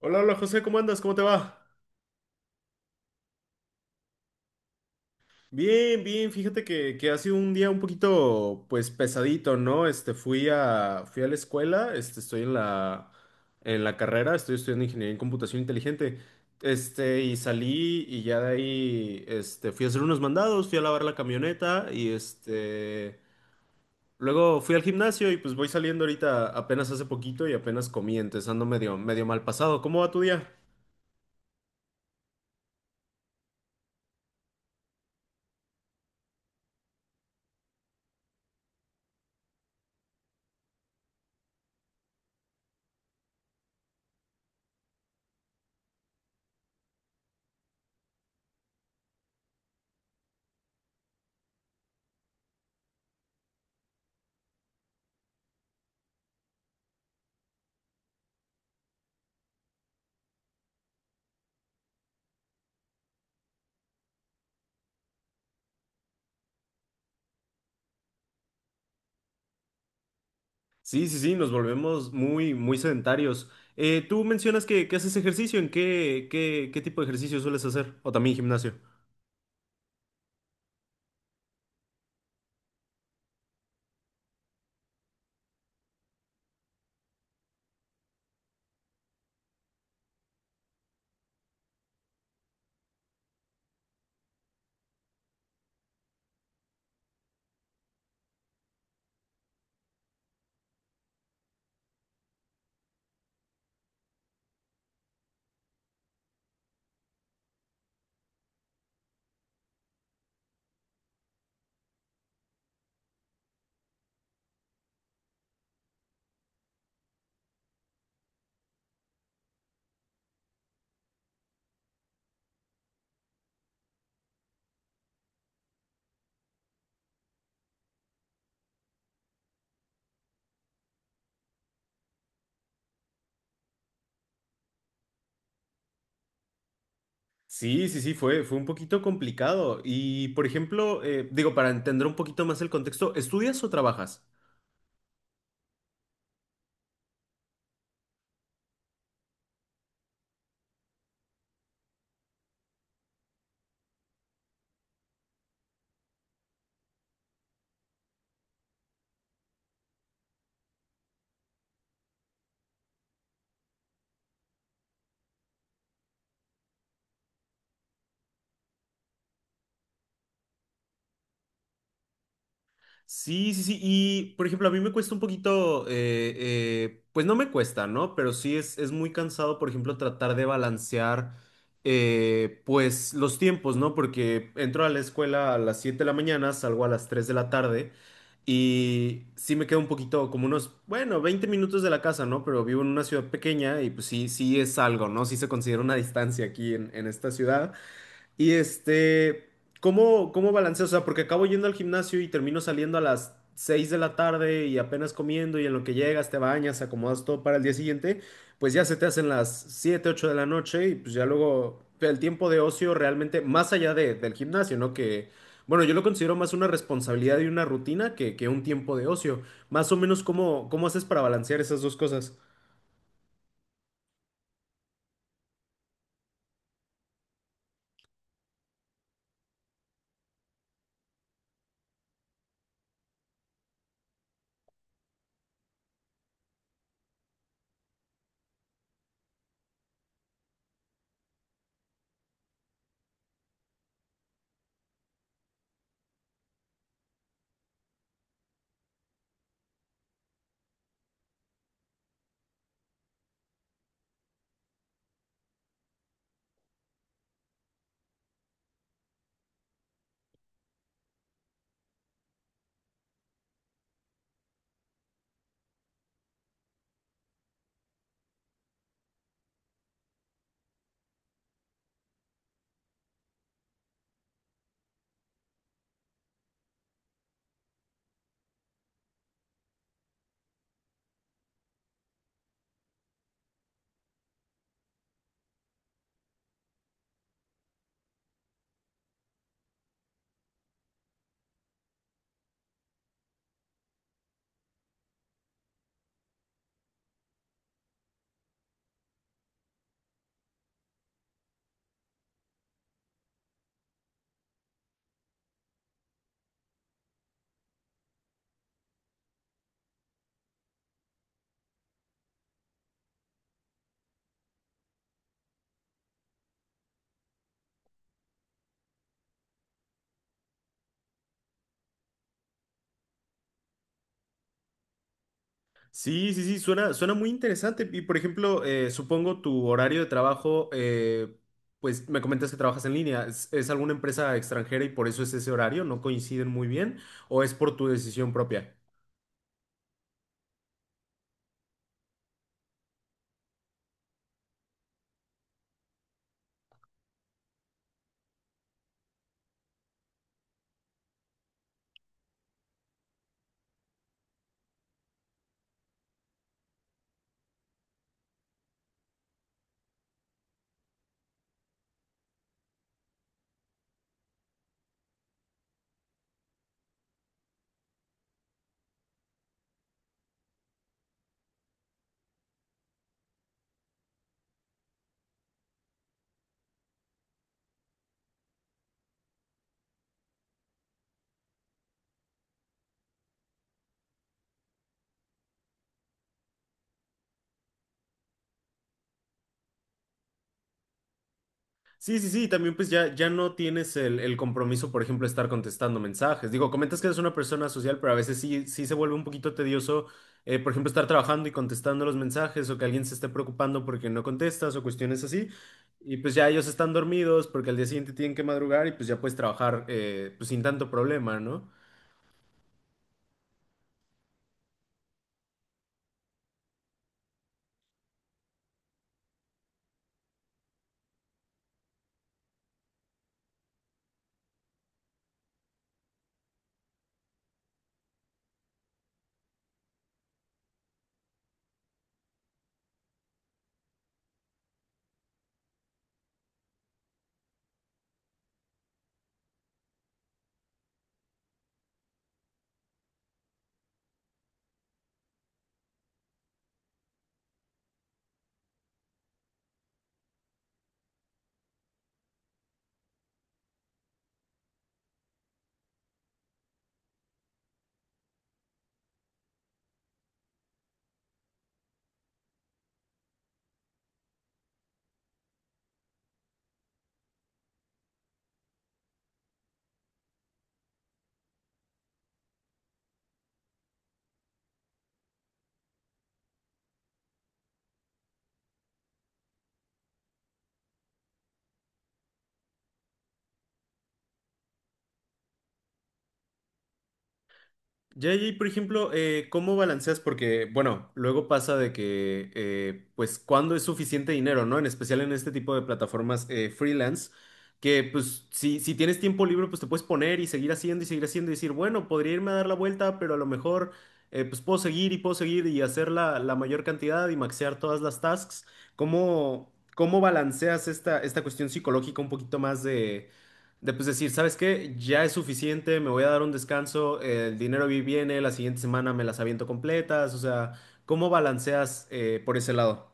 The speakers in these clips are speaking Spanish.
Hola, hola José, ¿cómo andas? ¿Cómo te va? Bien, bien, fíjate que ha sido un día un poquito, pues, pesadito, ¿no? Este, fui a la escuela, este, en la carrera, estoy estudiando ingeniería en computación inteligente, este, y salí y ya de ahí, este, fui a hacer unos mandados, fui a lavar la camioneta y, este, luego fui al gimnasio y pues voy saliendo ahorita apenas hace poquito y apenas comí, entonces ando medio, medio mal pasado. ¿Cómo va tu día? Sí, sí, sí, nos volvemos muy, muy sedentarios. Tú mencionas que haces ejercicio, ¿en qué, qué tipo de ejercicio sueles hacer? O también gimnasio. Sí, sí, sí, fue, fue un poquito complicado. Y, por ejemplo, digo, para entender un poquito más el contexto, ¿estudias o trabajas? Sí, sí, sí. Y, por ejemplo, a mí me cuesta un poquito, pues no me cuesta, ¿no? Pero sí es muy cansado, por ejemplo, tratar de balancear, pues, los tiempos, ¿no? Porque entro a la escuela a las 7 de la mañana, salgo a las 3 de la tarde y sí me quedo un poquito, como unos, bueno, 20 minutos de la casa, ¿no? Pero vivo en una ciudad pequeña y pues sí, sí es algo, ¿no? Sí se considera una distancia en esta ciudad. Y este, ¿cómo, cómo balanceas? O sea, porque acabo yendo al gimnasio y termino saliendo a las 6 de la tarde y apenas comiendo y en lo que llegas te bañas, acomodas todo para el día siguiente, pues ya se te hacen las 7 u 8 de la noche y pues ya luego el tiempo de ocio realmente, más allá del gimnasio, ¿no? Que, bueno, yo lo considero más una responsabilidad y una rutina que un tiempo de ocio. Más o menos, ¿cómo, cómo haces para balancear esas dos cosas? Sí, sí, sí, suena, suena muy interesante. Y por ejemplo, supongo tu horario de trabajo, pues me comentas que trabajas en línea. Es alguna empresa extranjera y por eso es ese horario? ¿No coinciden muy bien? ¿O es por tu decisión propia? Sí, sí, sí, también pues ya, ya no tienes el compromiso, por ejemplo, de estar contestando mensajes. Digo, comentas que eres una persona social, pero a veces sí, sí se vuelve un poquito tedioso, por ejemplo, estar trabajando y contestando los mensajes o que alguien se esté preocupando porque no contestas o cuestiones así. Y pues ya ellos están dormidos porque al día siguiente tienen que madrugar y pues ya puedes trabajar pues sin tanto problema, ¿no? Ya y, por ejemplo, ¿cómo balanceas? Porque, bueno, luego pasa de que, pues, ¿cuándo es suficiente dinero, no? En especial en este tipo de plataformas freelance, que, pues, si tienes tiempo libre, pues te puedes poner y seguir haciendo y seguir haciendo y decir, bueno, podría irme a dar la vuelta, pero a lo mejor, pues, puedo seguir y hacer la mayor cantidad y maxear todas las tasks. ¿Cómo, cómo balanceas esta, esta cuestión psicológica un poquito más de pues decir, ¿sabes qué? Ya es suficiente, me voy a dar un descanso, el dinero viene, la siguiente semana me las aviento completas, o sea, ¿cómo balanceas por ese lado?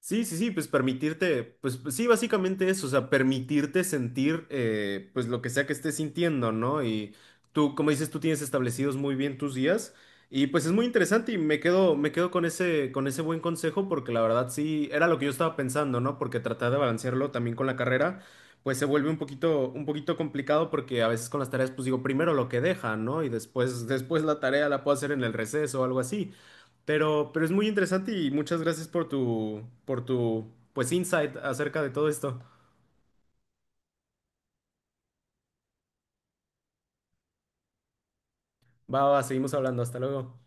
Sí, sí, sí, pues permitirte, pues pues sí, básicamente eso, o sea, permitirte sentir pues lo que sea que estés sintiendo, ¿no? Y tú, como dices, tú tienes establecidos muy bien tus días y pues es muy interesante y me quedo con ese buen consejo porque la verdad sí, era lo que yo estaba pensando, ¿no? Porque tratar de balancearlo también con la carrera, pues se vuelve un poquito complicado porque a veces con las tareas, pues digo, primero lo que deja, ¿no? Y después, después la tarea la puedo hacer en el receso o algo así. Pero es muy interesante y muchas gracias por tu, pues, insight acerca de todo esto. Va, va, seguimos hablando. Hasta luego.